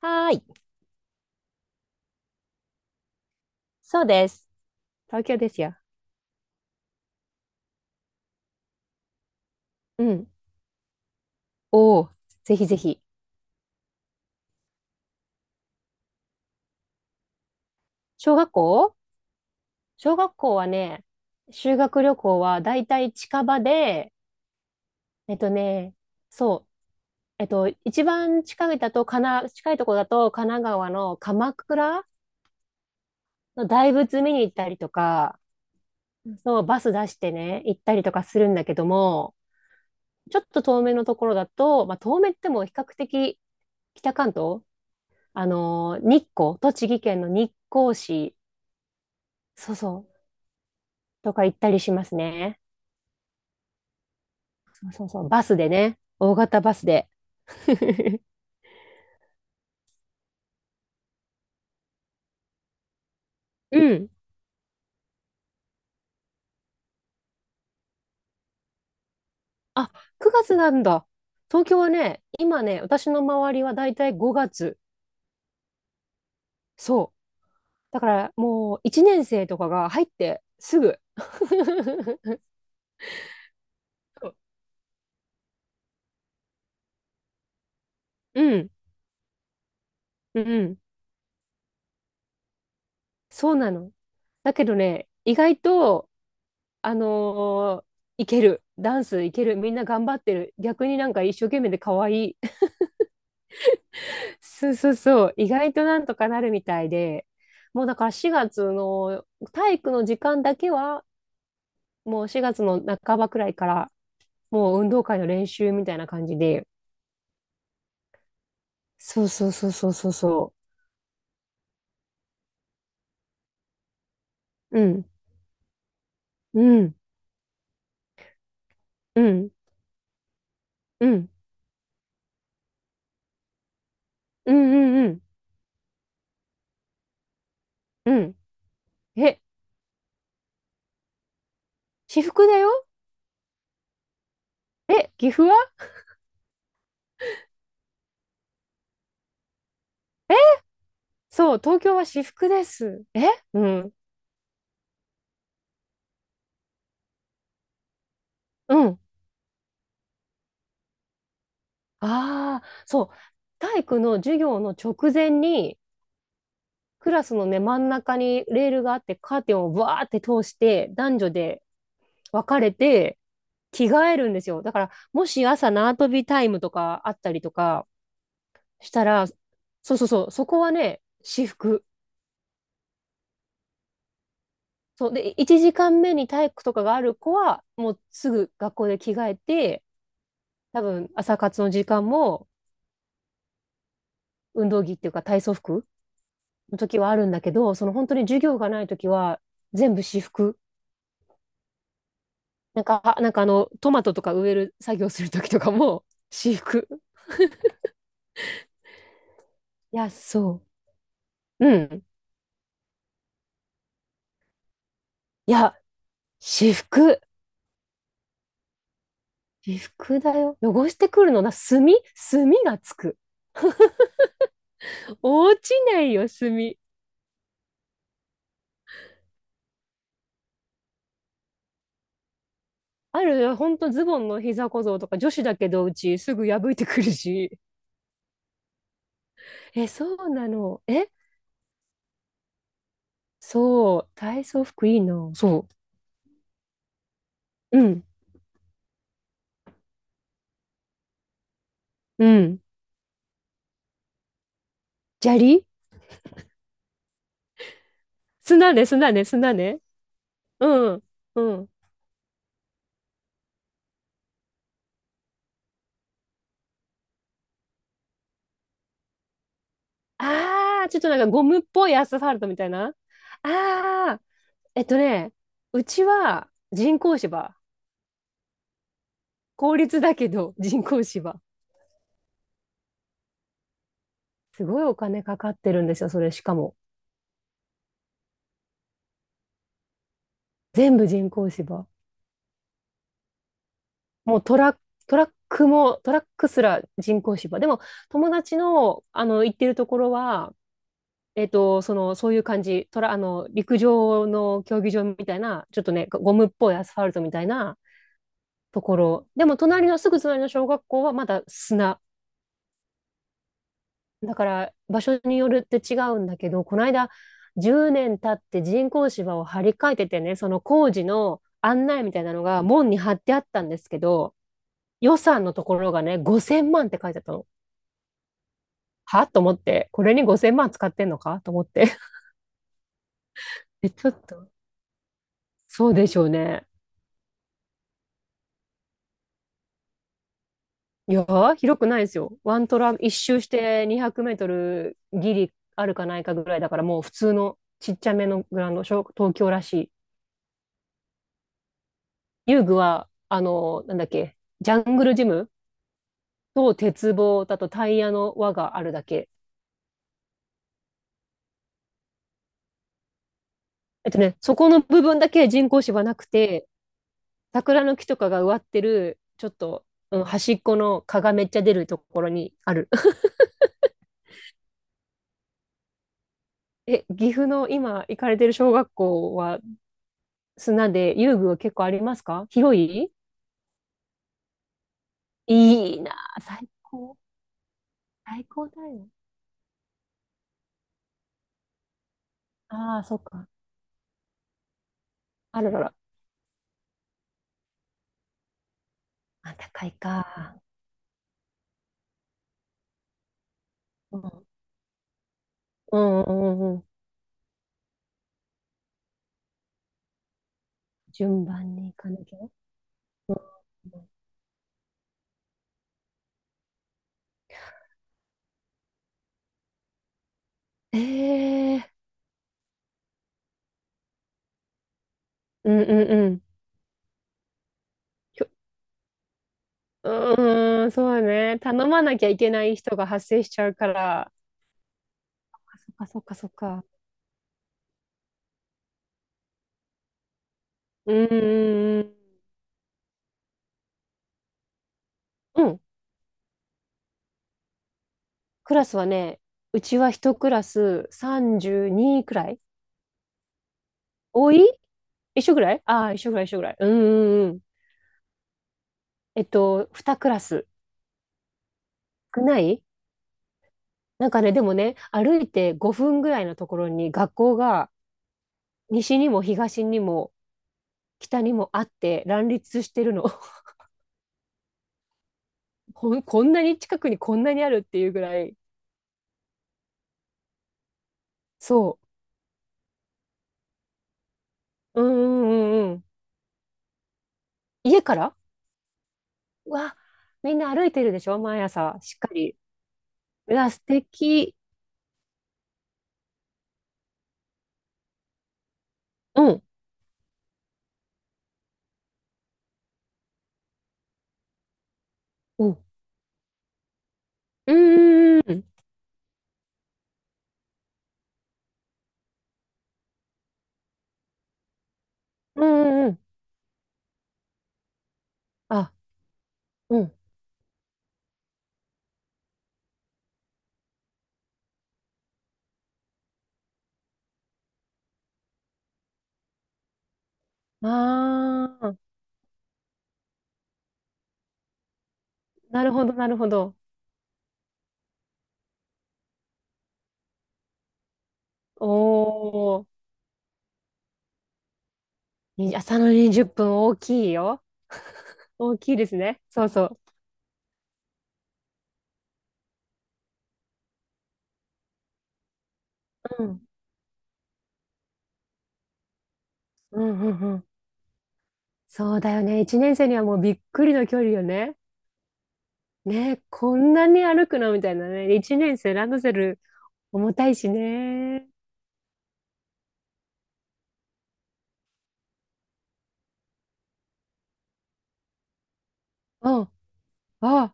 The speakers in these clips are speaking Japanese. はーい。そうです。東京ですよ。うん。おー、ぜひぜひ。小学校小学校はね、修学旅行はだいたい近場で、えっとね、そう、一番近いだと、かな、近いとこだと、神奈川の鎌倉の大仏見に行ったりとか、そう、バス出してね、行ったりとかするんだけども、ちょっと遠めのところだと、まあ、遠めっても比較的北関東、日光、栃木県の日光市、そうそう、とか行ったりしますね。そうそうそう。バスでね。大型バスで。うん。あ、9月なんだ。東京はね、今ね、私の周りはだいたい5月。そう。だからもう1年生とかが入ってすぐ。うん、うん、そうなの。だけどね、意外と、あのーいける。ダンスいける。みんな頑張ってる。逆になんか一生懸命で可愛い。そうそうそう、意外となんとかなるみたいで、もうだから4月の体育の時間だけは、もう4月の半ばくらいから、もう運動会の練習みたいな感じで、そうそうそうそうそうそう、うん、うん、うん、うん、うん、うん、うん、うん、え、私服だよ。え、岐阜は？え、そう、東京は私服です。え、うん、うん、ああ、そう、体育の授業の直前に、クラスのね、真ん中にレールがあって、カーテンをバーって通して、男女で分かれて、着替えるんですよ。だから、もし朝縄跳びタイムとかあったりとかしたら、そうそうそう、そこはね、私服。そうで、1時間目に体育とかがある子は、もうすぐ学校で着替えて、多分朝活の時間も運動着っていうか体操服の時はあるんだけど、その本当に授業がない時は全部私服。なんか、なんか、トマトとか植える作業するときとかも、私服。いや、そう。うん。いや、私服。私服だよ。汚してくるのな、墨がつく。落ちないよ、墨。あるよ、ほんとズボンの膝小僧とか女子だけどうちすぐ破いてくるし。え、そうなの。え、そう、体操服いいな。そう。うん、うん。砂利砂ね、砂ね、砂ね。うん、うん。ああ、ちょっとなんかゴムっぽいアスファルトみたいな。ああ、えっとね、うちは人工芝。公立だけど人工芝。すごいお金かかってるんですよ、それしかも。全部人工芝。もうトラックも、トラックすら人工芝。でも、友達の、行ってるところは、そういう感じ。陸上の競技場みたいな、ちょっとね、ゴムっぽいアスファルトみたいなところ。でも、すぐ隣の小学校はまだ砂。だから場所によるって違うんだけど、この間10年経って人工芝を張り替えててね、その工事の案内みたいなのが門に貼ってあったんですけど、予算のところがね、5000万って書いてあったの。はと思って、これに5000万使ってんのかと思って。え、ちょっと、そうでしょうね。いやー、広くないですよ。ワントラ、一周して200メートルギリあるかないかぐらいだから、もう普通のちっちゃめのグラウンド、小東京らしい。遊具は、なんだっけ、ジャングルジムと鉄棒だとタイヤの輪があるだけ。そこの部分だけ人工芝なくて、桜の木とかが植わってる、ちょっと、うん、端っこの蚊がめっちゃ出るところにある。え、岐阜の今行かれてる小学校は砂で遊具は結構ありますか？広い？いいなあ、最高。最高だよ。ああ、そっか。あららら。あ、高いか。うん、うん、うん、うん。順番に行かなきゃ。ええ、うんうんうん。きょうーん、そうね。頼まなきゃいけない人が発生しちゃうから。そっかそっかそっか。うんうんうん。うん、クラスはね、うちは一クラス32くらい。多い？一緒くらい。ああー、一緒くらい、一緒くらい。うんうんうん。2クラス。少ない？なんかね、でもね、歩いて5分ぐらいのところに学校が西にも東にも北にもあって乱立してるの。こんなに近くにこんなにあるっていうぐらい。そう。うんうんうんうん。家から？うわ、みんな歩いてるでしょ毎朝、しっかり。うわ、素敵。うん。うん。うんうんうんうん。あ、うん。ああ、なるほど、なるほど。おお、に朝の20分大きいよ。大きいですね。そうそう。うん。うんうんうん。そうだよね。1年生にはもうびっくりの距離よね。ね、こんなに歩くのみたいなね。一年生ランドセル重たいしね。うん、あ、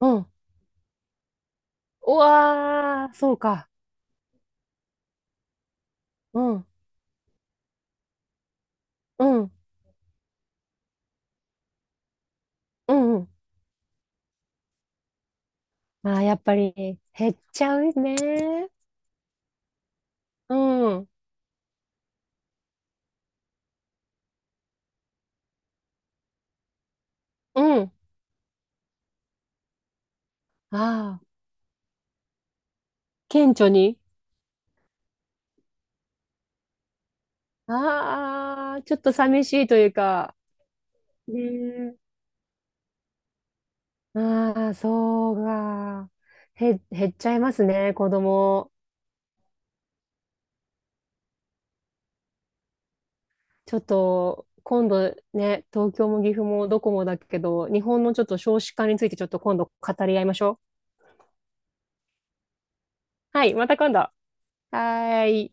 うん。うわー、そうか。うん、うん、うん、うん。まあ、やっぱり減っちゃうね。うん、うん。ああ、顕著に。ああ、ちょっと寂しいというか。ねえ、ああ、そうか。へ、減っちゃいますね、子供。ちょっと今度ね、東京も岐阜もどこもだけど、日本のちょっと少子化についてちょっと今度語り合いましょう。はい、また今度。はーい。